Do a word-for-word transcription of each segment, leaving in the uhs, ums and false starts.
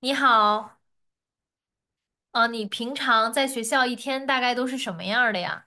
你好，呃，你平常在学校一天大概都是什么样儿的呀？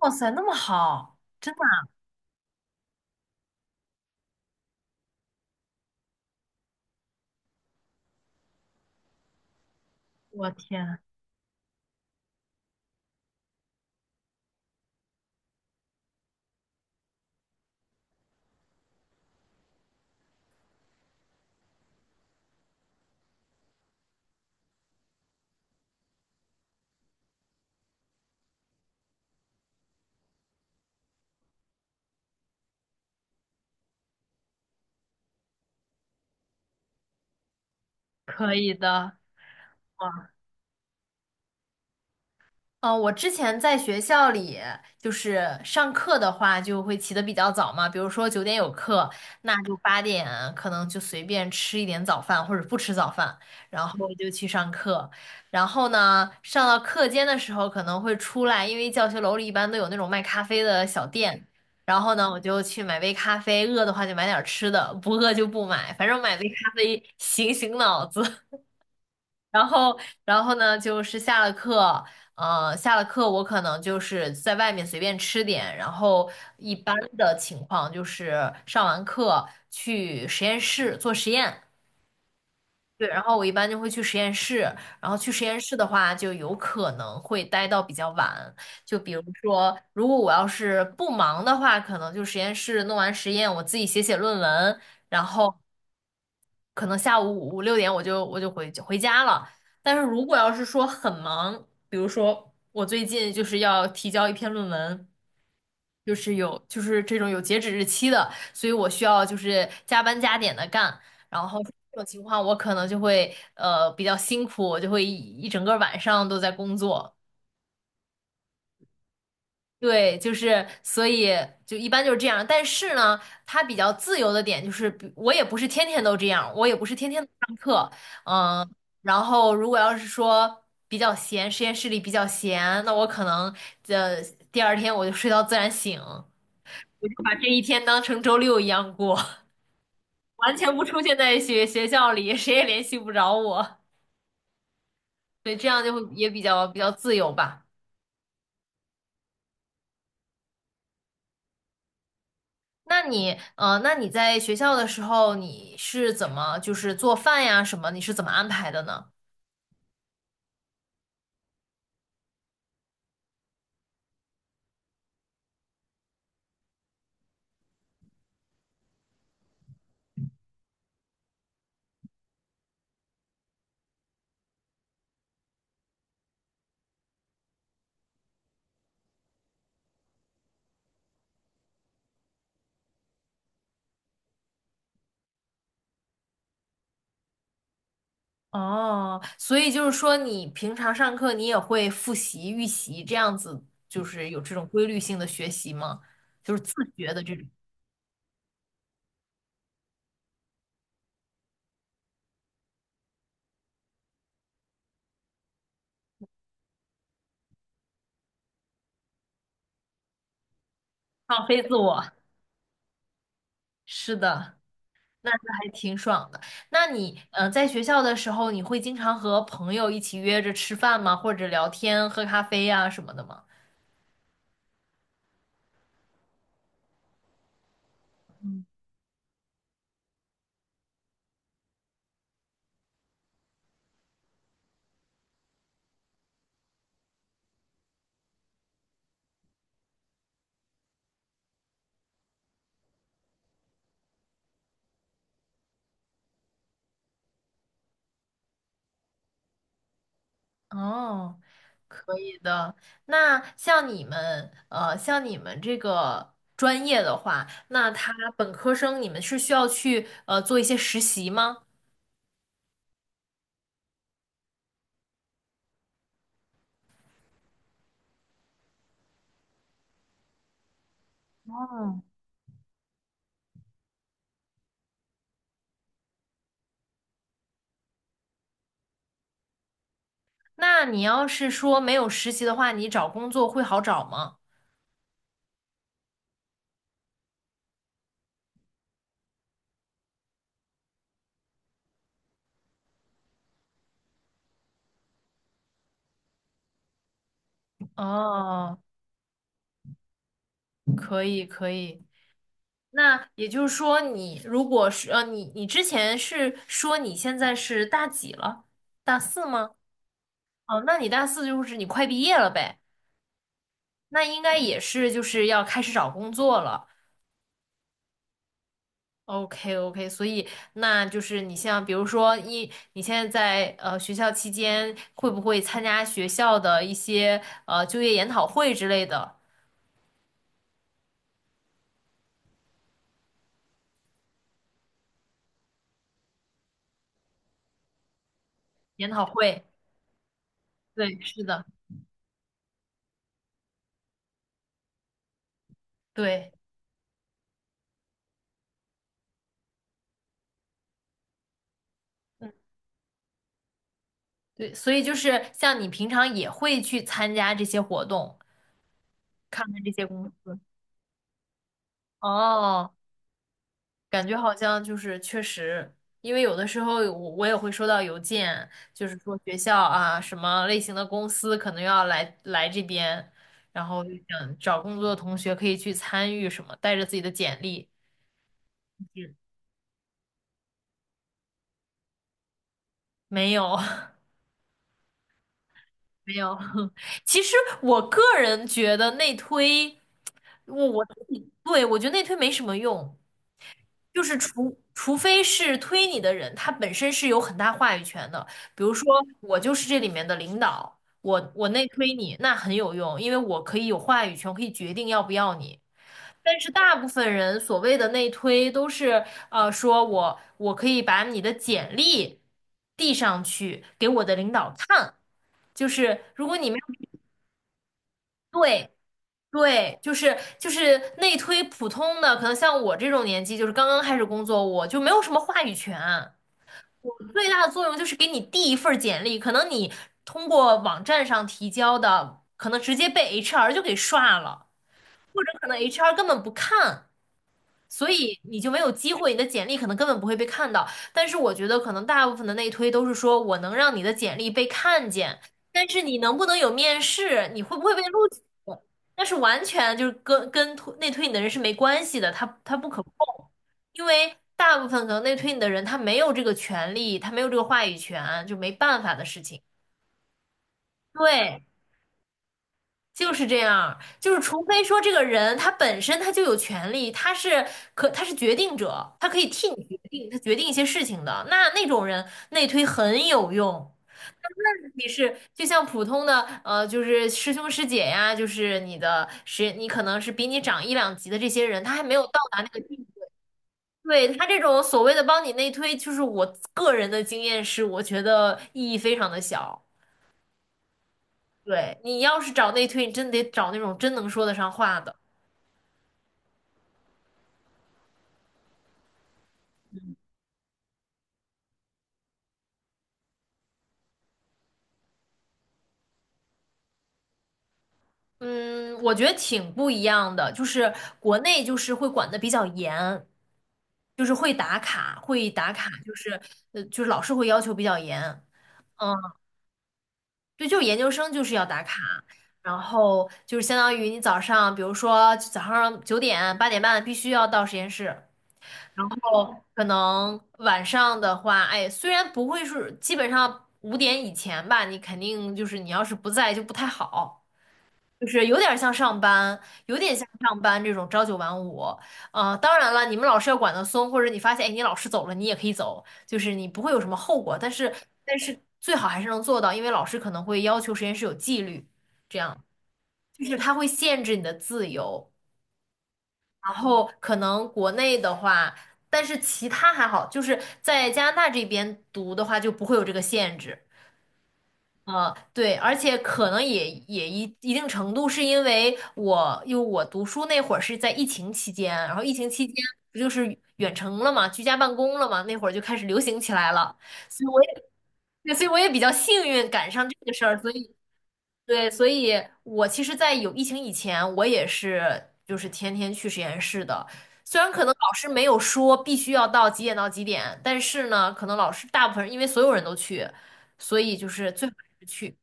哇塞，那么好，真的，我天，可以的，哇。嗯呃，我之前在学校里，就是上课的话，就会起得比较早嘛，比如说九点有课，那就八点可能就随便吃一点早饭，或者不吃早饭，然后就去上课。然后呢，上到课间的时候可能会出来，因为教学楼里一般都有那种卖咖啡的小店，然后呢，我就去买杯咖啡，饿的话就买点儿吃的，不饿就不买，反正买杯咖啡醒醒脑子。然后，然后呢，就是下了课，呃，下了课我可能就是在外面随便吃点，然后一般的情况就是上完课去实验室做实验，对，然后我一般就会去实验室，然后去实验室的话，就有可能会待到比较晚，就比如说，如果我要是不忙的话，可能就实验室弄完实验，我自己写写论文，然后。可能下午五五六点我就我就回回家了。但是如果要是说很忙，比如说我最近就是要提交一篇论文，就是有就是这种有截止日期的，所以我需要就是加班加点的干。然后这种情况我可能就会呃比较辛苦，我就会一一整个晚上都在工作。对，就是所以就一般就是这样，但是呢，它比较自由的点就是比，我也不是天天都这样，我也不是天天都上课，嗯，然后如果要是说比较闲，实验室里比较闲，那我可能呃第二天我就睡到自然醒，我就把这一天当成周六一样过，完全不出现在学学校里，谁也联系不着我，对，这样就会也比较比较自由吧。那你，呃，那你在学校的时候，你是怎么就是做饭呀什么？你是怎么安排的呢？哦，所以就是说，你平常上课你也会复习、预习这样子，就是有这种规律性的学习吗？就是自觉的这种放飞自我。是的，那这还挺爽的。那你，呃，在学校的时候，你会经常和朋友一起约着吃饭吗？或者聊天、喝咖啡呀什么的吗？哦，可以的。那像你们，呃，像你们这个专业的话，那他本科生你们是需要去呃做一些实习吗？哦，那你要是说没有实习的话，你找工作会好找吗？哦，可以可以。那也就是说，你如果是呃，你你之前是说你现在是大几了？大四吗？哦，那你大四就是你快毕业了呗。那应该也是就是要开始找工作了。OK OK，所以那就是你像比如说一，你现在在呃学校期间会不会参加学校的一些呃就业研讨会之类的研讨会？对，是的，对，嗯，对，所以就是像你平常也会去参加这些活动，看看这些公司。哦。感觉好像就是确实，因为有的时候我我也会收到邮件，就是说学校啊什么类型的公司可能要来来这边，然后就想找工作的同学可以去参与什么，带着自己的简历。嗯没有，没有。其实我个人觉得内推，我我自己对我觉得内推没什么用。就是除除非是推你的人，他本身是有很大话语权的。比如说，我就是这里面的领导，我我内推你，那很有用，因为我可以有话语权，我可以决定要不要你。但是大部分人所谓的内推都是，呃，说我我可以把你的简历递上去给我的领导看，就是如果你。对。对，就是就是内推普通的，可能像我这种年纪，就是刚刚开始工作，我就没有什么话语权。最大的作用就是给你递一份儿简历，可能你通过网站上提交的，可能直接被 H R 就给刷了，或者可能 H R 根本不看。所以你就没有机会，你的简历可能根本不会被看到。但是我觉得，可能大部分的内推都是说我能让你的简历被看见，但是你能不能有面试，你会不会被录取，那是完全就是跟跟推内推你的人是没关系的，他他不可控，因为大部分可能内推你的人他没有这个权利，他没有这个话语权，就没办法的事情。对。就是这样，就是除非说这个人他本身他就有权利，他是可他是决定者，他可以替你决定，他决定一些事情的，那那种人内推很有用。但问题是，就像普通的呃，就是师兄师姐呀，就是你的师，你可能是比你长一两级的这些人，他还没有到达那个地步。对，他这种所谓的帮你内推，就是我个人的经验是，我觉得意义非常的小。对，你要是找内推，你真得找那种真能说得上话的。嗯，我觉得挺不一样的，就是国内就是会管的比较严，就是会打卡，会打卡，就是呃，就是老师会要求比较严。嗯，对，就是研究生就是要打卡，然后就是相当于你早上，比如说早上九点八点半必须要到实验室，哦，可能晚上的话，哎，虽然不会是基本上五点以前吧，你肯定就是你要是不在就不太好。就是有点像上班，有点像上班这种朝九晚五。呃，当然了，你们老师要管得松，或者你发现，哎，你老师走了，你也可以走，就是你不会有什么后果。但是，但是最好还是能做到，因为老师可能会要求实验室有纪律，这样就是他会限制你的自由。然后可能国内的话，但是其他还好，就是在加拿大这边读的话就不会有这个限制。呃，对，而且可能也也一一定程度是因为我，因为我读书那会儿是在疫情期间，然后疫情期间不就是远程了嘛，居家办公了嘛，那会儿就开始流行起来了，所以我也，对，所以我也比较幸运赶上这个事儿，所以对，所以我其实，在有疫情以前，我也是就是天天去实验室的，虽然可能老师没有说必须要到几点到几点，但是呢，可能老师大部分人因为所有人都去，所以就是最好还是去。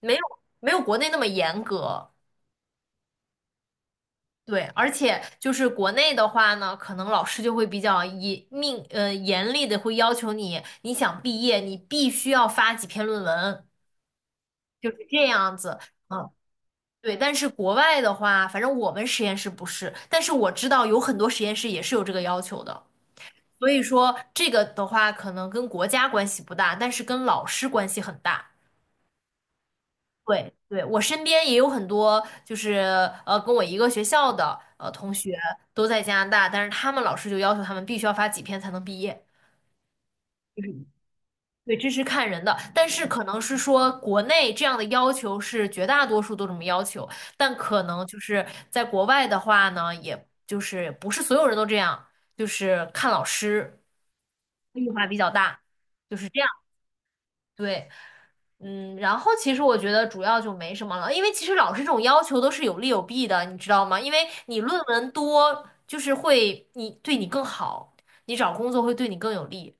没有没有国内那么严格，对，而且就是国内的话呢，可能老师就会比较严命呃严厉的会要求你，你想毕业，你必须要发几篇论文，就是这样子，嗯，对。但是国外的话，反正我们实验室不是，但是我知道有很多实验室也是有这个要求的，所以说这个的话可能跟国家关系不大，但是跟老师关系很大。对对，我身边也有很多，就是呃，跟我一个学校的呃同学都在加拿大，但是他们老师就要求他们必须要发几篇才能毕业。对，这是看人的，但是可能是说国内这样的要求是绝大多数都这么要求，但可能就是在国外的话呢，也就是不是所有人都这样，就是看老师变化比较大，就是这样。对。嗯，然后其实我觉得主要就没什么了，因为其实老师这种要求都是有利有弊的，你知道吗？因为你论文多，就是会你对你更好，你找工作会对你更有利，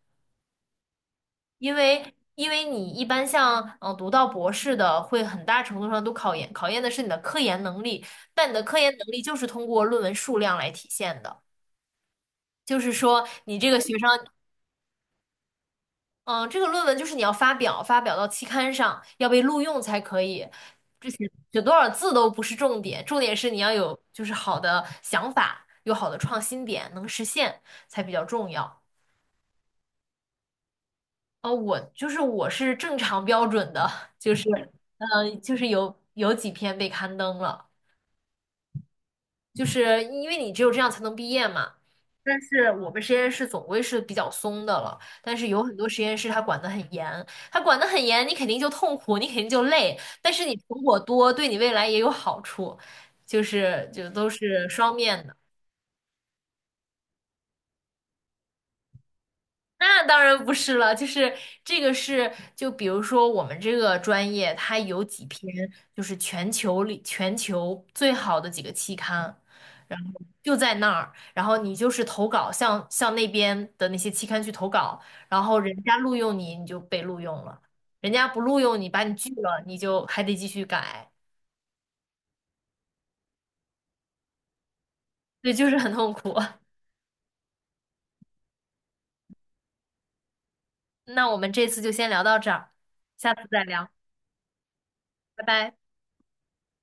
因为因为你一般像嗯、呃读到博士的，会很大程度上都考研考验的是你的科研能力，但你的科研能力就是通过论文数量来体现的，就是说你这个学生嗯，这个论文就是你要发表，发表到期刊上，要被录用才可以。这写写多少字都不是重点，重点是你要有就是好的想法，有好的创新点，能实现才比较重要。哦，我就是我是正常标准的，就是嗯呃就是有有几篇被刊登了。就是因为你只有这样才能毕业嘛。但是我们实验室总归是比较松的了，但是有很多实验室它管得很严，它管得很严，你肯定就痛苦，你肯定就累，但是你成果多，对你未来也有好处，就是就都是双面的。那当然不是了，就是这个是，就比如说我们这个专业，它有几篇就是全球里全球最好的几个期刊，然后就在那儿，然后你就是投稿，向向那边的那些期刊去投稿，然后人家录用你，你就被录用了；人家不录用你，把你拒了，你就还得继续改，对，就是很痛苦。那我们这次就先聊到这儿，下次再聊，拜拜。